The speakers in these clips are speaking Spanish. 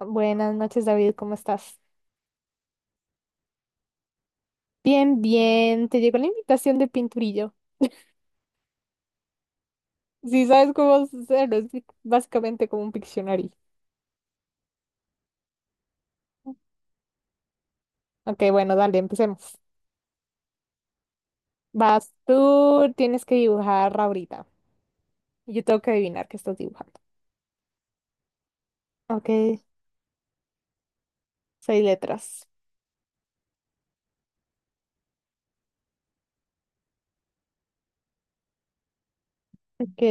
Buenas noches, David, ¿cómo estás? Bien, bien, te llegó la invitación de pinturillo. Si sabes cómo hacerlo, es básicamente como un Pictionary. Ok, bueno, dale, empecemos. Vas, tú tienes que dibujar ahorita. Y yo tengo que adivinar qué estás dibujando. Ok, seis letras. Ok,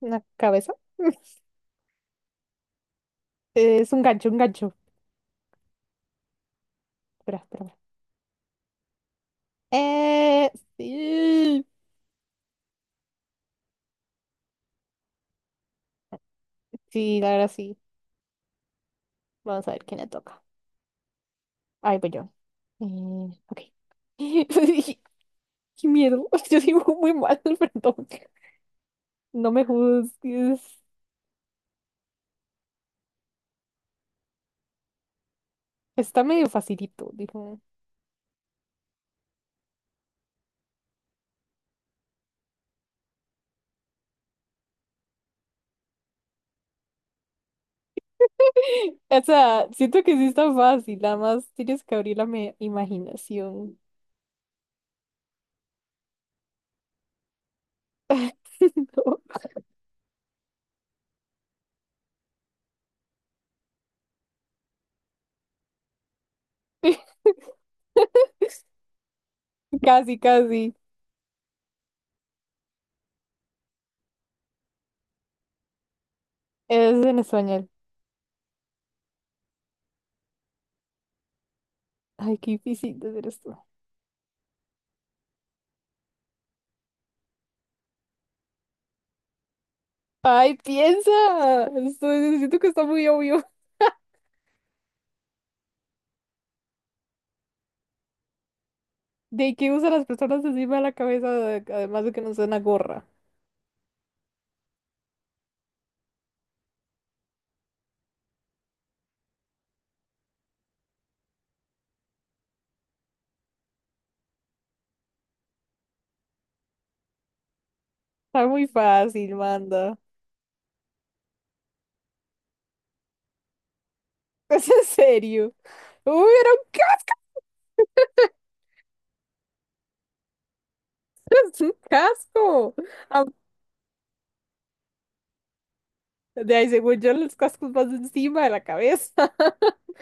una cabeza. Es un gancho, un gancho. Espera, espera, espera. Eh, sí. Sí, ahora sí. Vamos a ver quién le toca. Ahí voy yo. Ok. Qué miedo. Yo dibujo muy mal, perdón. No me juzgues. Está medio facilito, dijo. O sea, siento que sí está fácil, nada más tienes que abrir la imaginación. No. Casi, casi. Es en español. Ay, qué difícil de hacer esto. Ay, piensa. Siento que está muy obvio. ¿De qué usan las personas encima de la cabeza? Además de que no usan una gorra. Está muy fácil, manda. Es en serio. Uy, es un casco. Am- De ahí, según yo, los cascos van encima de la cabeza.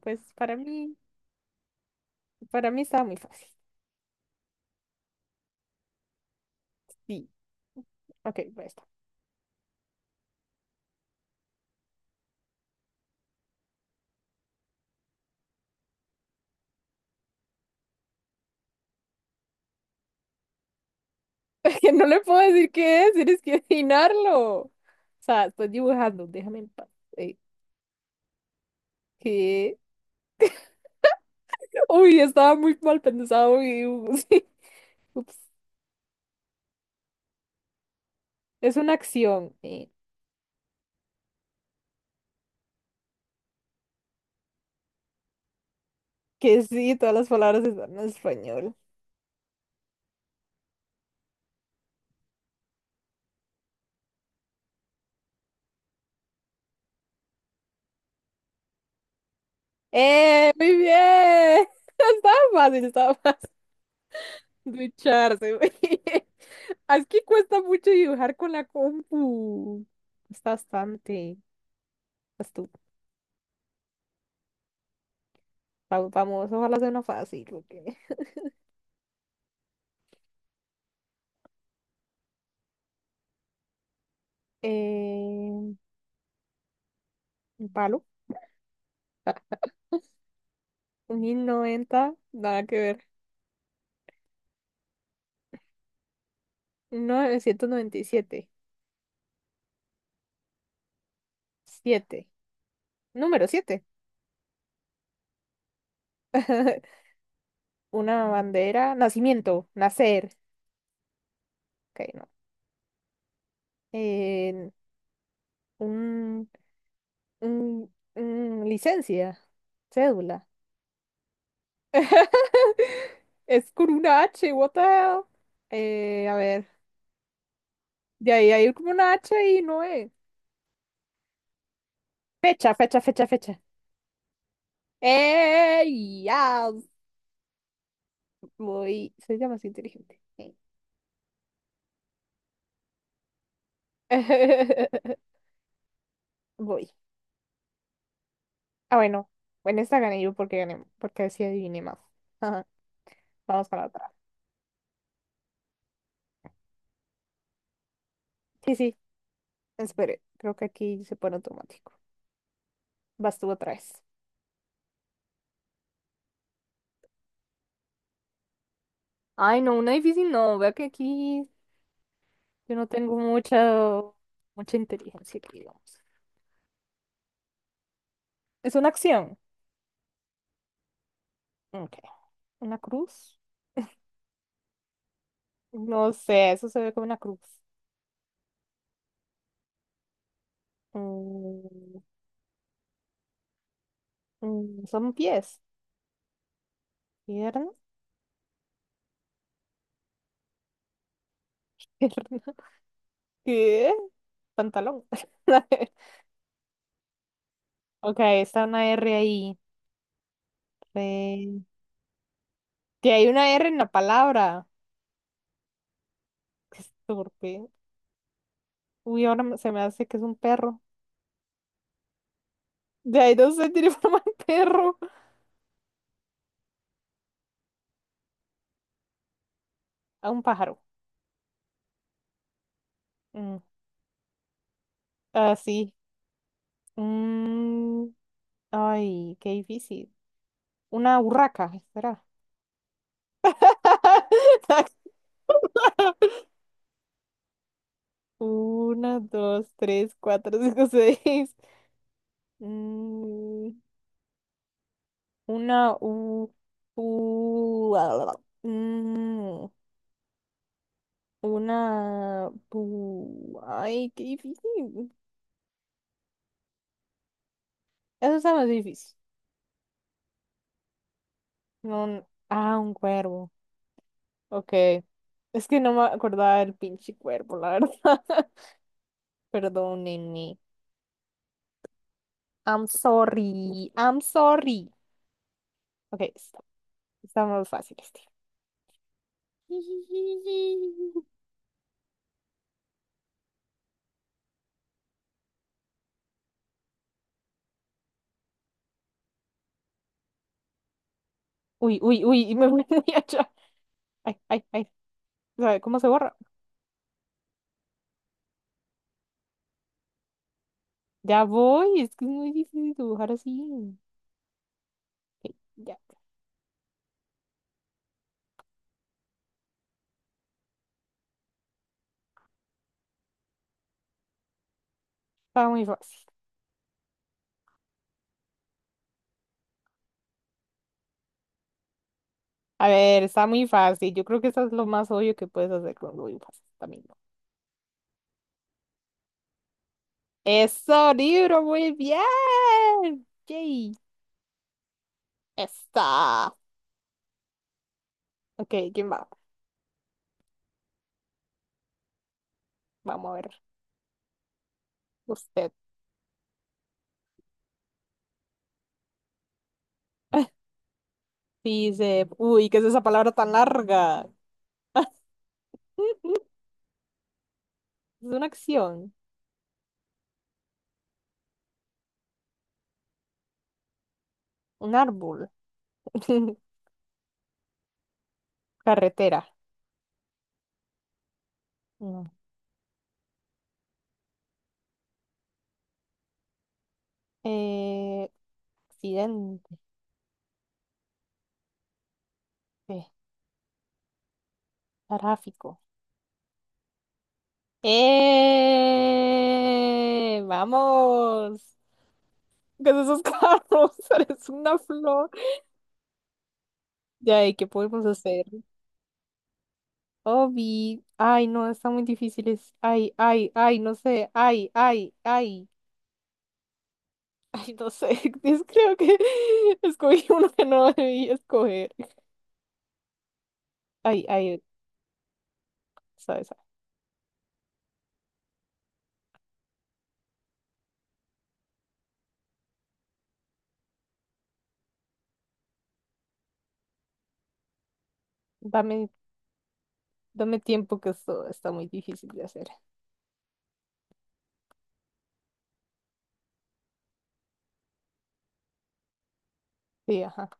Pues para mí estaba muy fácil. Sí, ok, pues está. Que no le puedo decir qué es, tienes que adivinarlo. O sea, estoy dibujando, déjame en paz. Eh, ¿Qué? Uy, estaba muy mal pensado mi dibujo, sí. Ups. Es una acción. Que sí, todas las palabras están en español. ¡Eh! ¡Muy bien! Estaba fácil, estaba ducharse, güey. Es que cuesta mucho dibujar con la compu, cuesta bastante. Pues tú, vamos, ojalá sea una fácil, porque... Eh, un palo. Un 1090 nada que ver. Un 997 siete. Número siete. Una bandera. Nacimiento. Nacer. Ok, no. Eh, un, un licencia. Cédula. Es con una H, what the hell? A ver, de ahí hay como una H y no es. Fecha, fecha, fecha, fecha. Ya voy. Soy ya más inteligente. Voy. Ah, bueno. En esta gané yo porque gané, porque así adiviné más. Ajá, vamos para atrás. Sí, sí, espere. Creo que aquí se pone automático. Vas tú otra vez. Ay, no, una difícil no. Vea que aquí yo no tengo mucha, mucha inteligencia, que digamos. Es una acción. Ok. Una cruz. No sé, eso se ve como una cruz. Mm, son pies. Pierna. Pierna. ¿Qué? Pantalón. Ok, está una R ahí. Re- Que hay una R en la palabra. Qué estúpido. Uy, ahora se me hace que es un perro. De ahí no sé, tiene forma de perro. A un pájaro. Mm, Ah, sí. Mm, ay, qué difícil. Una urraca, espera. Una, dos, tres, cuatro, cinco, seis. Mm, una, u, u, ah, ah, ah. Una, ay, qué difícil. Eso está más difícil. No, ah, un cuervo. Ok. Es que no me acordaba del pinche cuervo, la verdad. Perdónenme. I'm sorry. I'm sorry. Ok, está más fácil este. Uy, uy, uy, me voy allá. Ay, ay, ay. ¿Sabe cómo se borra? Ya voy, es que es muy difícil dibujar así. Ok, ya, está muy fácil. A ver, está muy fácil. Yo creo que eso es lo más obvio que puedes hacer con lo fácil también, ¿no? Eso, libro, muy bien. Yay, está. Ok, ¿quién va? Vamos a ver. Usted dice, uy, ¿qué es esa palabra tan larga? Es una acción, un árbol, carretera. No. Eh, accidente, eh, tráfico. ¡Eh! ¡Vamos! Con esos carros, eres una flor. Ya, ¿y qué podemos hacer? Obi, ay, no, está muy difícil. Ay, ay, ay, no sé. Ay, ay, ay. Ay, no sé. Creo que escogí uno que no debí escoger. Ay, ay, sabes, dame, dame tiempo que esto está muy difícil de hacer. Sí, ajá.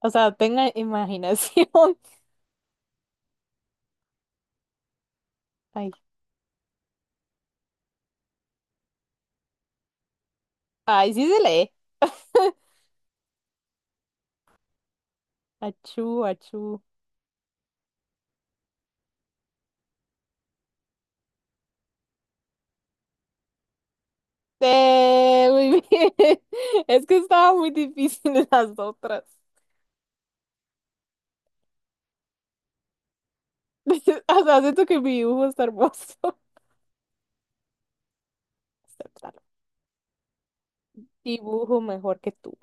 O sea, tenga imaginación. Ay, ay, sí se lee. Achú, achú. Muy bien. Es que estaba muy difícil las otras. O sea, siento que mi dibujo está hermoso. Acéptalo. Dibujo mejor que tú.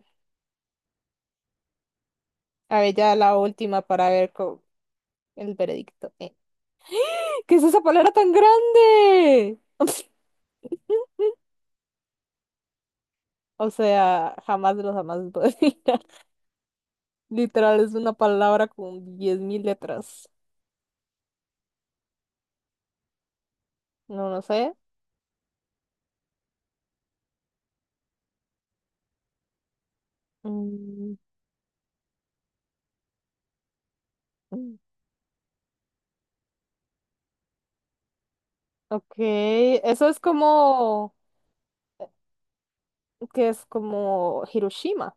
A ver, ya la última para ver el veredicto. ¿Qué es esa palabra tan grande? O sea, jamás de los jamás puedo adivinar. Literal, es una palabra con 10.000 letras. No, no sé. Mm, mm. Ok, eso es como, que es como Hiroshima.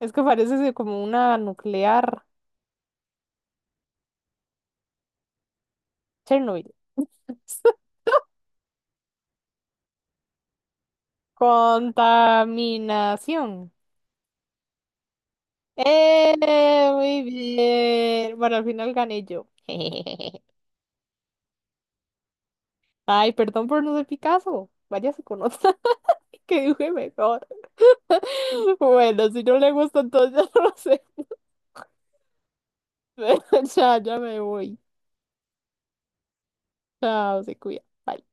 Es que parece ser como una nuclear Chernobyl. Contaminación. Muy bien. Bueno, al final gané yo. Ay, perdón por no ser Picasso. Váyase con otra que dibuje mejor. Bueno, si no le gusta, entonces ya no lo sé. Ya, ya me voy. Chao, se cuida. Bye.